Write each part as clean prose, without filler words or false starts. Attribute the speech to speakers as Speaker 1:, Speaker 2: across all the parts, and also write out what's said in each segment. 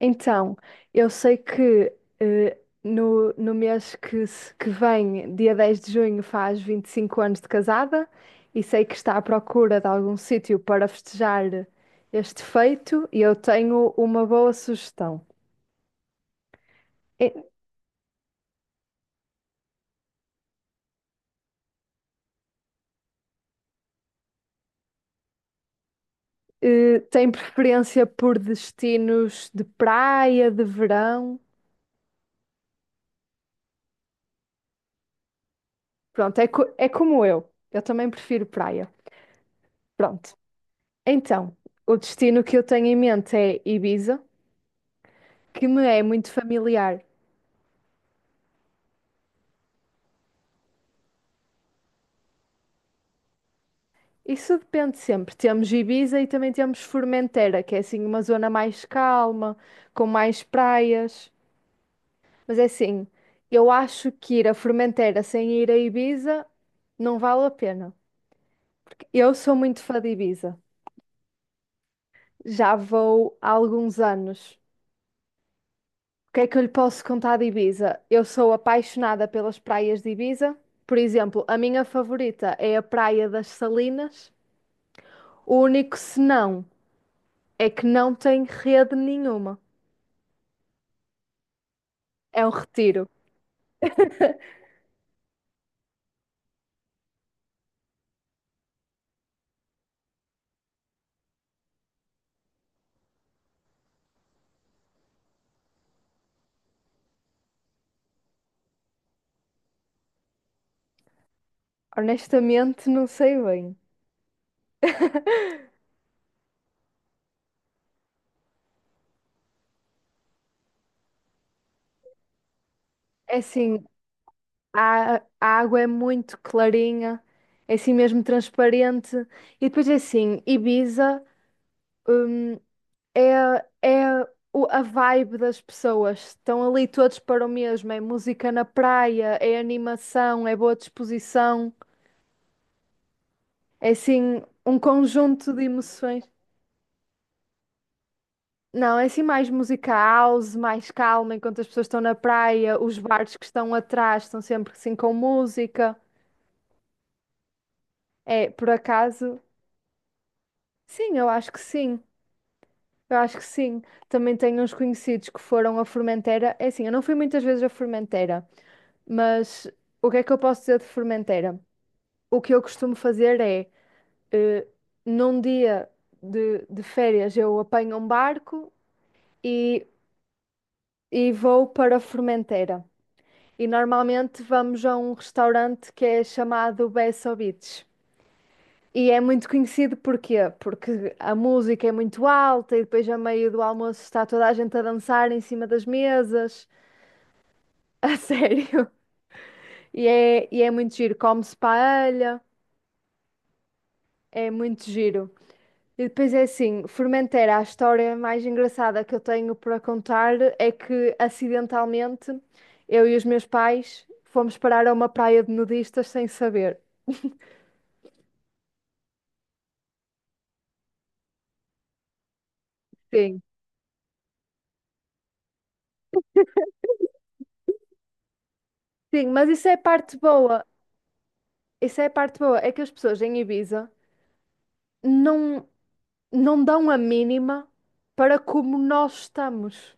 Speaker 1: Então, eu sei que eh, no mês que, se- que vem, dia 10 de junho, faz 25 anos de casada e sei que está à procura de algum sítio para festejar este feito e eu tenho uma boa sugestão. E- Tem preferência por destinos de praia, de verão? Pronto, é como eu. Eu também prefiro praia. Pronto. Então, o destino que eu tenho em mente é Ibiza, que me é muito familiar. Isso depende sempre. Temos Ibiza e também temos Formentera, que é assim uma zona mais calma, com mais praias. Mas é assim, eu acho que ir a Formentera sem ir a Ibiza não vale a pena. Eu sou muito fã de Ibiza. Já vou há alguns anos. O que é que eu lhe posso contar de Ibiza? Eu sou apaixonada pelas praias de Ibiza. Por exemplo, a minha favorita é a Praia das Salinas. O único senão é que não tem rede nenhuma. É um retiro. Honestamente, não sei bem. É assim, a água é muito clarinha, é assim mesmo transparente. E depois é assim, Ibiza, eh, é, é a vibe das pessoas. Estão ali todos para o mesmo. É música na praia, é animação, é boa disposição. É assim um conjunto de emoções. Não, é assim mais música house, mais calma, enquanto as pessoas estão na praia, os bares que estão atrás estão sempre assim com música. É, por acaso, sim, eu acho que sim. Eu acho que sim. Também tenho uns conhecidos que foram a Formentera. É assim, eu não fui muitas vezes a Formentera. Mas o que é que eu posso dizer de fermenteira? O que eu costumo fazer é, eh, num dia de férias, eu apanho um barco e, e vou para a fermenteira. E normalmente vamos a um restaurante que é chamado Besso Beach. E é muito conhecido porquê? Porque a música é muito alta e depois, a meio do almoço, está toda a gente a dançar em cima das mesas. A sério. E é muito giro. Come-se paella, é muito giro. E depois é assim, Formentera, a história mais engraçada que eu tenho para contar é que acidentalmente eu e os meus pais fomos parar a uma praia de nudistas sem saber. Sim. Sim, mas isso é a parte boa. Isso é a parte boa, é que as pessoas em Ibiza não não dão a mínima para como nós estamos.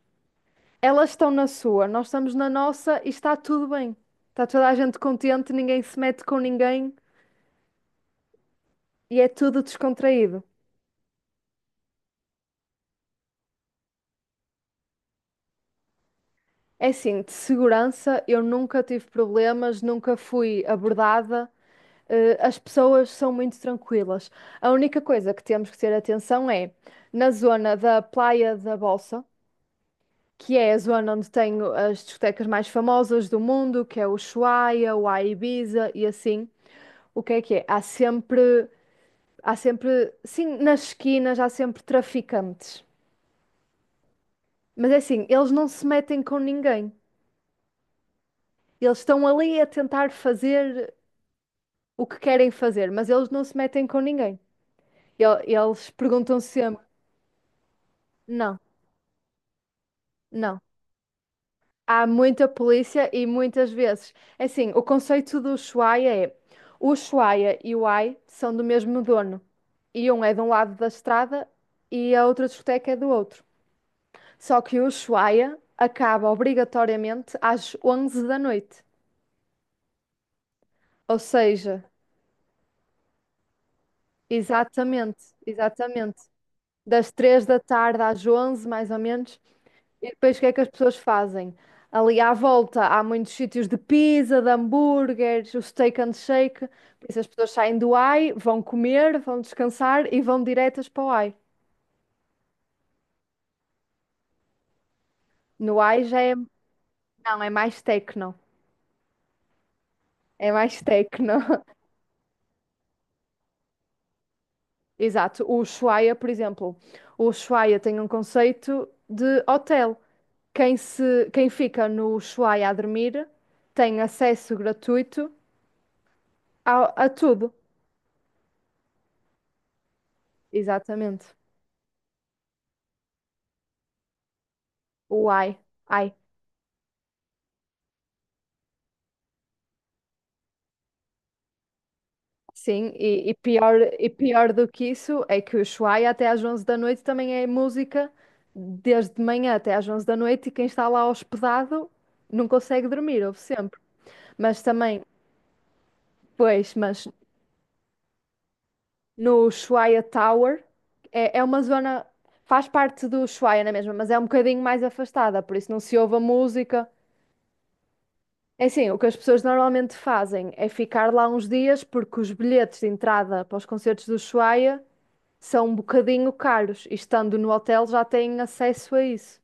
Speaker 1: Elas estão na sua, nós estamos na nossa e está tudo bem. Está toda a gente contente, ninguém se mete com ninguém e é tudo descontraído. É assim, de segurança eu nunca tive problemas, nunca fui abordada. As pessoas são muito tranquilas. A única coisa que temos que ter atenção é na zona da Praia da Bolsa, que é a zona onde tenho as discotecas mais famosas do mundo, que é o Ushuaia, o A Ibiza e assim. O que é que é? Há sempre, sim, nas esquinas há sempre traficantes. Mas é assim, eles não se metem com ninguém. Eles estão ali a tentar fazer o que querem fazer, mas eles não se metem com ninguém. Eles perguntam sempre, não, não. Há muita polícia e muitas vezes. É assim, o conceito do Ushuaia é: o Ushuaia e o Ai são do mesmo dono. E um é de um lado da estrada e a outra discoteca é do outro. Só que o Ushuaia acaba obrigatoriamente às 11 da noite. Ou seja, exatamente, exatamente. Das 3 da tarde às 11 mais ou menos. E depois o que é que as pessoas fazem? Ali à volta há muitos sítios de pizza, de hambúrgueres, o steak and shake. Por isso as pessoas saem do AI, vão comer, vão descansar e vão diretas para o AI. No AI já é. Não, é mais tecno. É mais tecno. Exato. O Ushuaia, por exemplo. O Ushuaia tem um conceito de hotel. Quem fica no Ushuaia a dormir tem acesso gratuito a tudo. Exatamente. O AI. Ai. Sim, e pior do que isso é que o Ushuaia até às 11 da noite também é música desde de manhã até às 11 da noite e quem está lá hospedado não consegue dormir, ouve sempre. Mas também, pois, mas no Ushuaia Tower é uma zona, faz parte do Ushuaia na mesma, mas é um bocadinho mais afastada, por isso não se ouve a música. É assim, o que as pessoas normalmente fazem é ficar lá uns dias porque os bilhetes de entrada para os concertos do Ushuaia são um bocadinho caros e estando no hotel já têm acesso a isso.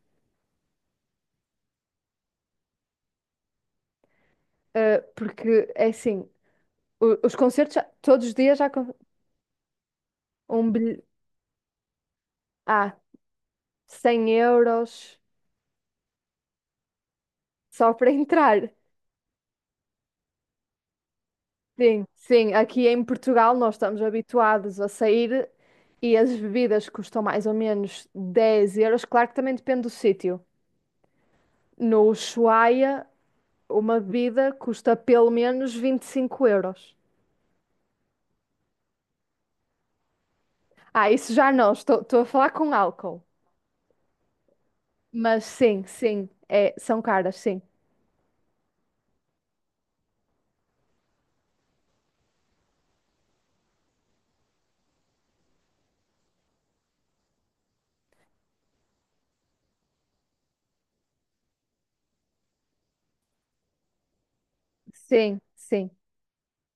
Speaker 1: Porque é assim, os concertos todos os dias já com um bilhete. Ah, 100 euros só para entrar. Sim, sim, aqui em Portugal nós estamos habituados a sair e as bebidas custam mais ou menos 10 euros. Claro que também depende do sítio. No Ushuaia, uma bebida custa pelo menos 25 euros. Ah, isso já não, estou a falar com álcool. Mas sim, sim, é, são caras, sim. Sim, sim,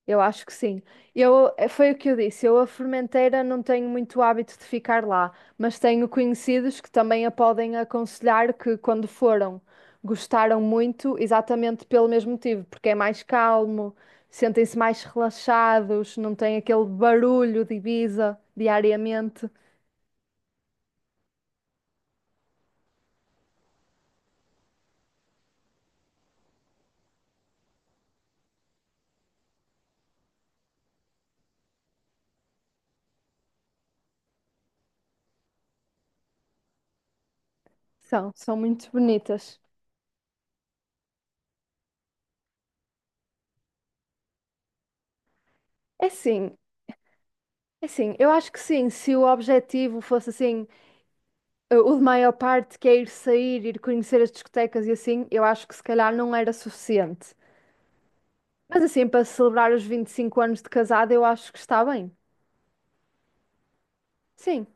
Speaker 1: eu acho que sim. Foi o que eu disse, eu a fermenteira não tenho muito hábito de ficar lá, mas tenho conhecidos que também a podem aconselhar que quando foram, gostaram muito, exatamente pelo mesmo motivo, porque é mais calmo, sentem-se mais relaxados, não tem aquele barulho de Ibiza diariamente. São, são muito bonitas. É sim, é sim, eu acho que sim, se o objetivo fosse assim o de maior parte que é ir sair, ir conhecer as discotecas e assim, eu acho que se calhar não era suficiente. Mas assim, para celebrar os 25 anos de casada, eu acho que está bem. Sim,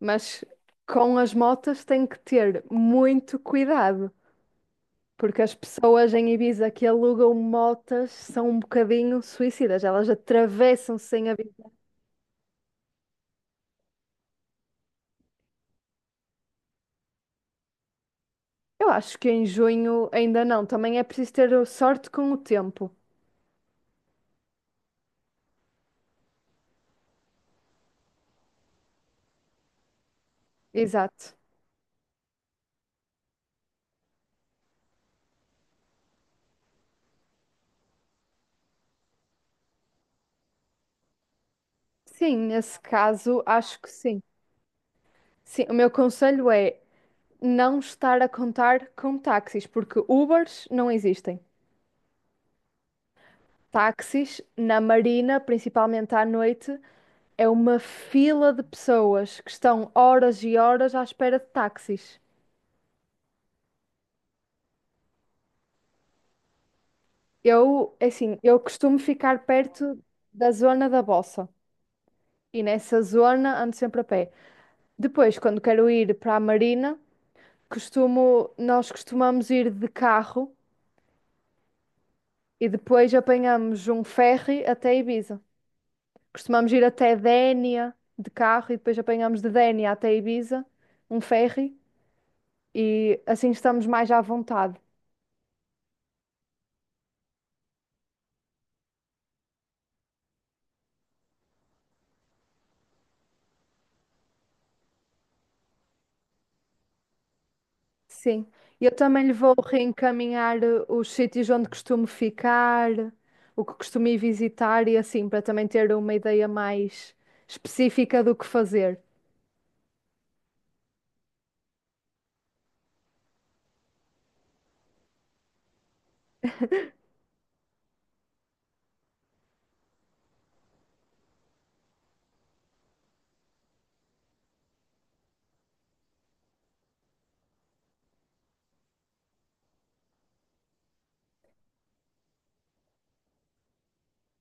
Speaker 1: mas com as motas tem que ter muito cuidado, porque as pessoas em Ibiza que alugam motas são um bocadinho suicidas, elas atravessam sem avisar. Eu acho que em junho ainda não, também é preciso ter sorte com o tempo. Exato. Sim, nesse caso, acho que sim. Sim, o meu conselho é não estar a contar com táxis, porque Ubers não existem. Táxis na Marina, principalmente à noite, é uma fila de pessoas que estão horas e horas à espera de táxis. Eu, é assim, eu costumo ficar perto da zona da Bossa e nessa zona ando sempre a pé. Depois, quando quero ir para a Marina, costumo, nós costumamos ir de carro e depois apanhamos um ferry até Ibiza. Costumamos ir até Dénia de carro e depois apanhamos de Dénia até Ibiza, um ferry, e assim estamos mais à vontade. Sim. Eu também lhe vou reencaminhar os sítios onde costumo ficar, o que costumo ir visitar e assim, para também ter uma ideia mais específica do que fazer.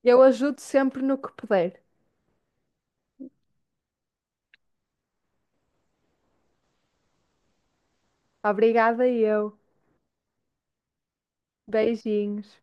Speaker 1: Eu ajudo sempre no que puder. Obrigada, eu. Beijinhos.